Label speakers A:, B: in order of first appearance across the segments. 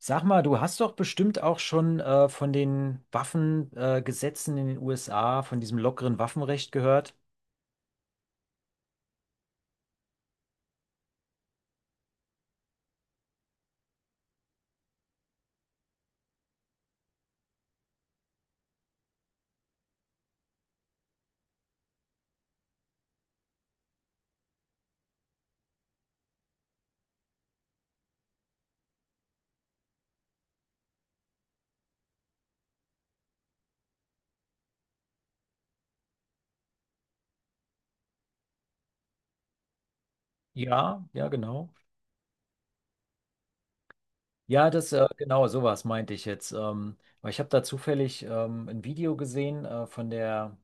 A: Sag mal, du hast doch bestimmt auch schon von den Waffengesetzen Gesetzen in den USA, von diesem lockeren Waffenrecht gehört. Ja, ja, genau. Ja, das genau sowas meinte ich jetzt. Weil ich habe da zufällig ein Video gesehen von der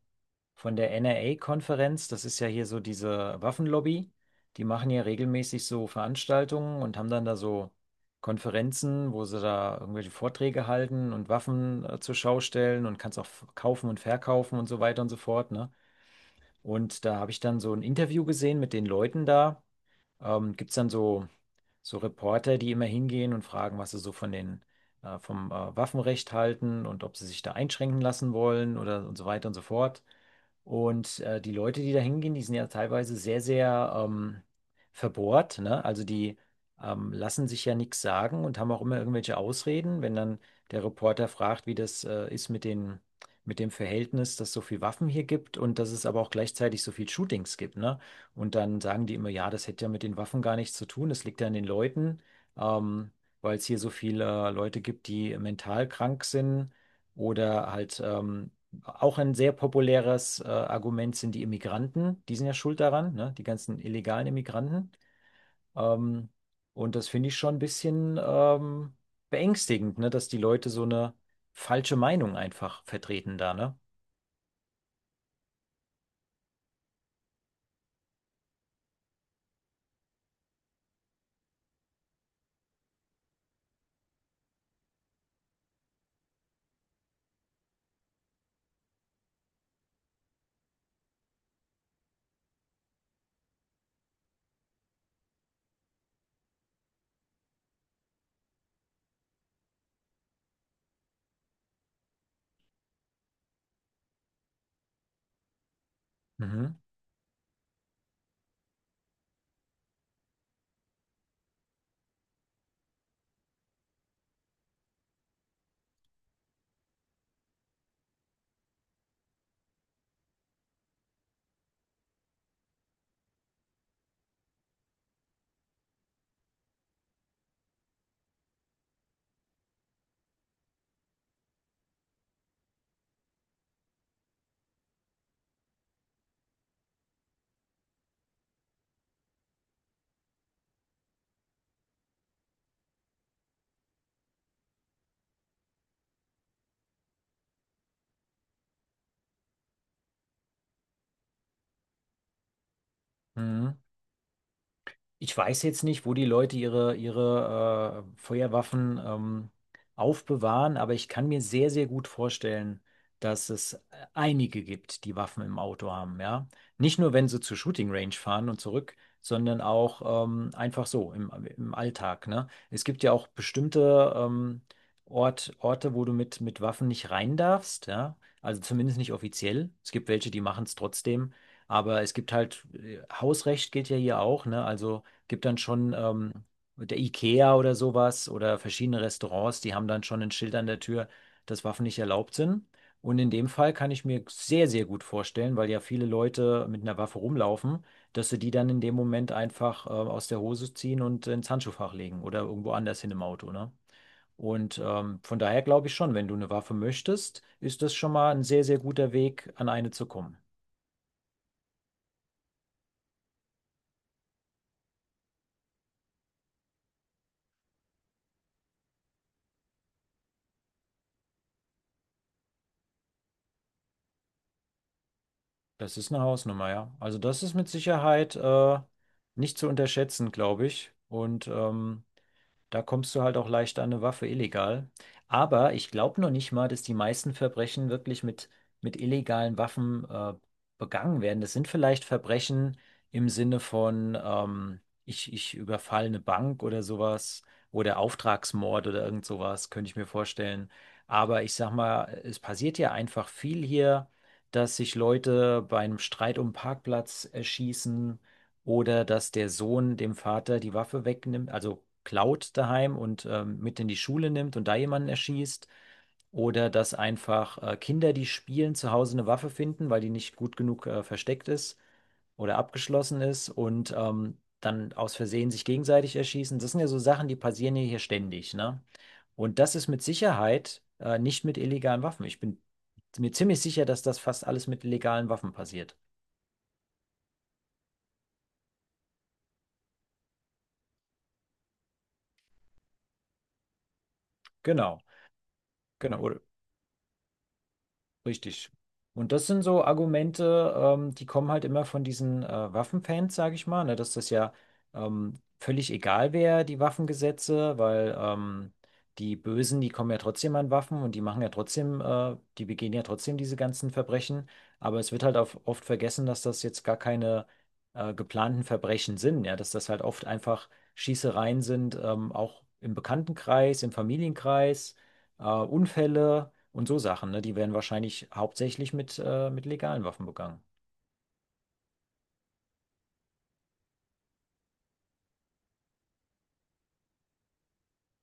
A: von der NRA-Konferenz. Das ist ja hier so diese Waffenlobby. Die machen ja regelmäßig so Veranstaltungen und haben dann da so Konferenzen, wo sie da irgendwelche Vorträge halten und Waffen zur Schau stellen und kannst auch kaufen und verkaufen und so weiter und so fort, ne? Und da habe ich dann so ein Interview gesehen mit den Leuten da. Gibt es dann so Reporter, die immer hingehen und fragen, was sie so vom Waffenrecht halten und ob sie sich da einschränken lassen wollen oder und so weiter und so fort. Und die Leute, die da hingehen, die sind ja teilweise sehr, sehr verbohrt, ne? Also die lassen sich ja nichts sagen und haben auch immer irgendwelche Ausreden, wenn dann der Reporter fragt, wie das ist mit den, mit dem Verhältnis, dass es so viel Waffen hier gibt und dass es aber auch gleichzeitig so viel Shootings gibt, ne? Und dann sagen die immer, ja, das hätte ja mit den Waffen gar nichts zu tun, das liegt ja an den Leuten, ähm, weil es hier so viele Leute gibt, die mental krank sind oder halt auch ein sehr populäres Argument sind die Immigranten, die sind ja schuld daran, ne? Die ganzen illegalen Immigranten. Ähm, und das finde ich schon ein bisschen beängstigend, ne? Dass die Leute so eine falsche Meinung einfach vertreten da, ne? Mhm. Mhm. Ich weiß jetzt nicht, wo die Leute ihre Feuerwaffen aufbewahren, aber ich kann mir sehr, sehr gut vorstellen, dass es einige gibt, die Waffen im Auto haben, ja. Nicht nur, wenn sie zur Shooting Range fahren und zurück, sondern auch einfach im Alltag, ne? Es gibt ja auch bestimmte Orte, wo du mit Waffen nicht rein darfst, ja. Also zumindest nicht offiziell. Es gibt welche, die machen es trotzdem. Aber es gibt halt, Hausrecht gilt ja hier auch, ne? Also gibt dann schon mit der IKEA oder sowas oder verschiedene Restaurants, die haben dann schon ein Schild an der Tür, dass Waffen nicht erlaubt sind. Und in dem Fall kann ich mir sehr, sehr gut vorstellen, weil ja viele Leute mit einer Waffe rumlaufen, dass sie die dann in dem Moment einfach aus der Hose ziehen und ins Handschuhfach legen oder irgendwo anders hin im Auto, ne? Und von daher glaube ich schon, wenn du eine Waffe möchtest, ist das schon mal ein sehr, sehr guter Weg, an eine zu kommen. Das ist eine Hausnummer, ja. Also das ist mit Sicherheit nicht zu unterschätzen, glaube ich. Und da kommst du halt auch leicht an eine Waffe illegal. Aber ich glaube noch nicht mal, dass die meisten Verbrechen wirklich mit illegalen Waffen begangen werden. Das sind vielleicht Verbrechen im Sinne von, ich überfalle eine Bank oder sowas oder Auftragsmord oder irgend sowas, könnte ich mir vorstellen. Aber ich sag mal, es passiert ja einfach viel hier, dass sich Leute bei einem Streit um einen Parkplatz erschießen oder dass der Sohn dem Vater die Waffe wegnimmt, also klaut daheim und mit in die Schule nimmt und da jemanden erschießt. Oder dass einfach Kinder, die spielen, zu Hause eine Waffe finden, weil die nicht gut genug versteckt ist oder abgeschlossen ist und dann aus Versehen sich gegenseitig erschießen. Das sind ja so Sachen, die passieren ja hier ständig, ne? Und das ist mit Sicherheit nicht mit illegalen Waffen. Ich bin mir ziemlich sicher, dass das fast alles mit legalen Waffen passiert. Genau, genau. Oder, Richtig. Und das sind so Argumente, die kommen halt immer von diesen Waffenfans, sage ich mal, ne, dass das ja völlig egal wäre, die Waffengesetze, weil die Bösen, die kommen ja trotzdem an Waffen und die machen ja trotzdem, die begehen ja trotzdem diese ganzen Verbrechen. Aber es wird halt auf, oft vergessen, dass das jetzt gar keine geplanten Verbrechen sind, ja, dass das halt oft einfach Schießereien sind, auch im Bekanntenkreis, im Familienkreis, Unfälle und so Sachen, ne? Die werden wahrscheinlich hauptsächlich mit legalen Waffen begangen.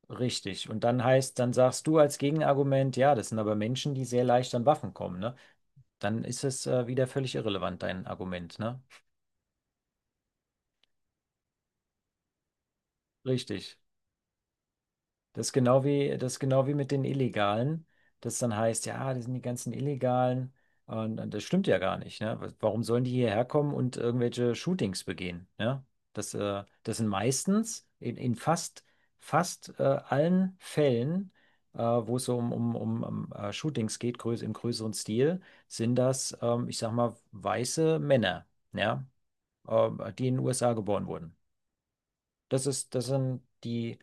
A: Richtig. Und dann heißt, dann sagst du als Gegenargument, ja, das sind aber Menschen, die sehr leicht an Waffen kommen, ne? Dann ist es, wieder völlig irrelevant, dein Argument, ne? Richtig. Das ist genau das ist genau wie mit den Illegalen, das dann heißt, ja, das sind die ganzen Illegalen. Und das stimmt ja gar nicht, ne? Warum sollen die hierher kommen und irgendwelche Shootings begehen, ne? Das sind meistens in fast allen Fällen, wo es so um Shootings geht, größ im größeren Stil, sind das, ich sag mal, weiße Männer, ja, die in den USA geboren wurden. Das ist, das sind die,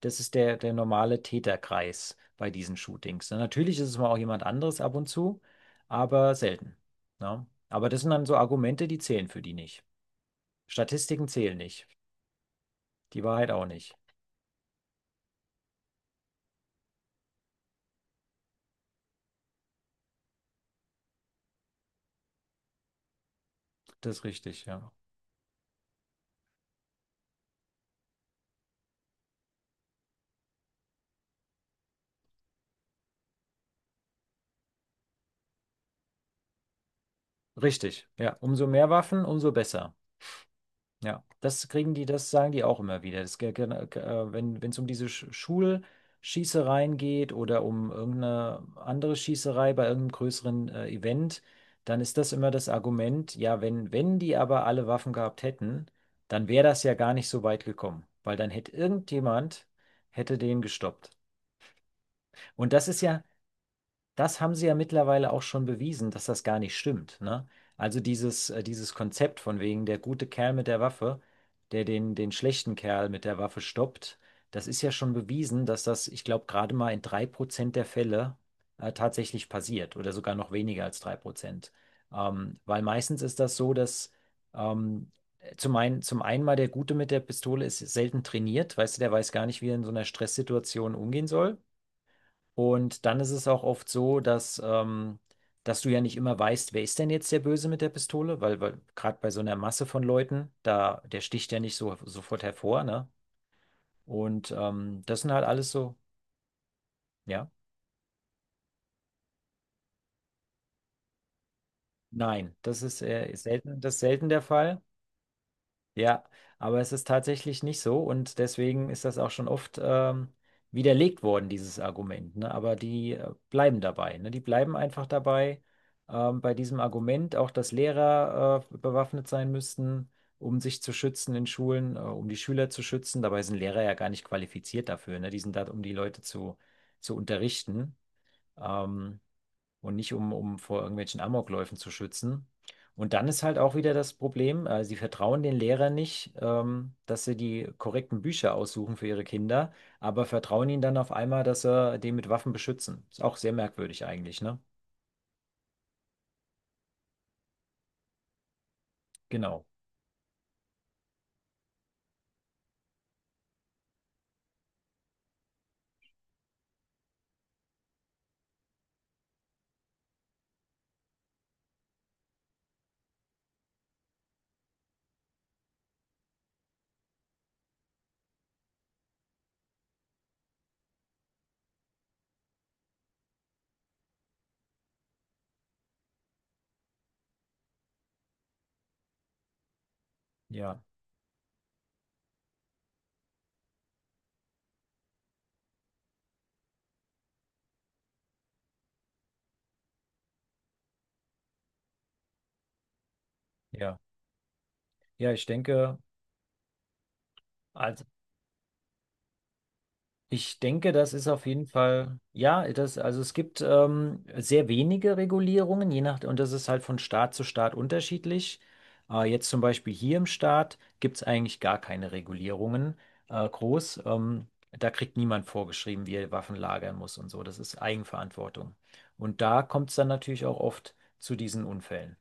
A: das ist der normale Täterkreis bei diesen Shootings. Und natürlich ist es mal auch jemand anderes ab und zu, aber selten. Ne? Aber das sind dann so Argumente, die zählen für die nicht. Statistiken zählen nicht. Die Wahrheit auch nicht. Das ist richtig, ja. Richtig, ja. Umso mehr Waffen, umso besser. Ja, das kriegen die, das sagen die auch immer wieder. Das, wenn es um diese Schulschießereien geht oder um irgendeine andere Schießerei bei irgendeinem größeren Event, dann ist das immer das Argument, ja, wenn die aber alle Waffen gehabt hätten, dann wäre das ja gar nicht so weit gekommen, weil dann hätte irgendjemand, hätte den gestoppt. Und das ist ja, das haben sie ja mittlerweile auch schon bewiesen, dass das gar nicht stimmt, ne? Also dieses, dieses Konzept von wegen der gute Kerl mit der Waffe, der den schlechten Kerl mit der Waffe stoppt, das ist ja schon bewiesen, dass das, ich glaube, gerade mal in 3% der Fälle tatsächlich passiert oder sogar noch weniger als 3%. Weil meistens ist das so, dass ähm, zum einen mal der Gute mit der Pistole ist selten trainiert, weißt du, der weiß gar nicht, wie er in so einer Stresssituation umgehen soll. Und dann ist es auch oft so, dass, dass du ja nicht immer weißt, wer ist denn jetzt der Böse mit der Pistole, weil gerade bei so einer Masse von Leuten, da, der sticht ja nicht so sofort hervor, ne? Und das sind halt alles so, ja. Nein, das ist, selten, das ist selten der Fall. Ja, aber es ist tatsächlich nicht so und deswegen ist das auch schon oft widerlegt worden, dieses Argument. Ne? Aber die bleiben dabei. Ne? Die bleiben einfach dabei bei diesem Argument, auch dass Lehrer bewaffnet sein müssten, um sich zu schützen in Schulen, um die Schüler zu schützen. Dabei sind Lehrer ja gar nicht qualifiziert dafür. Ne? Die sind da, um die zu unterrichten. Ähm, und nicht um vor irgendwelchen Amokläufen zu schützen. Und dann ist halt auch wieder das Problem, sie vertrauen den Lehrern nicht, dass sie die korrekten Bücher aussuchen für ihre Kinder, aber vertrauen ihnen dann auf einmal, dass sie den mit Waffen beschützen. Ist auch sehr merkwürdig eigentlich, ne? Genau. Ja, ja. Ja, ich denke, als ich denke, das ist auf jeden Fall, ja, das, also es gibt sehr wenige Regulierungen, je nach, und das ist halt von Staat zu Staat unterschiedlich. Jetzt zum Beispiel hier im Staat gibt es eigentlich gar keine Regulierungen groß. Da kriegt niemand vorgeschrieben, wie er Waffen lagern muss und so. Das ist Eigenverantwortung. Und da kommt es dann natürlich auch oft zu diesen Unfällen.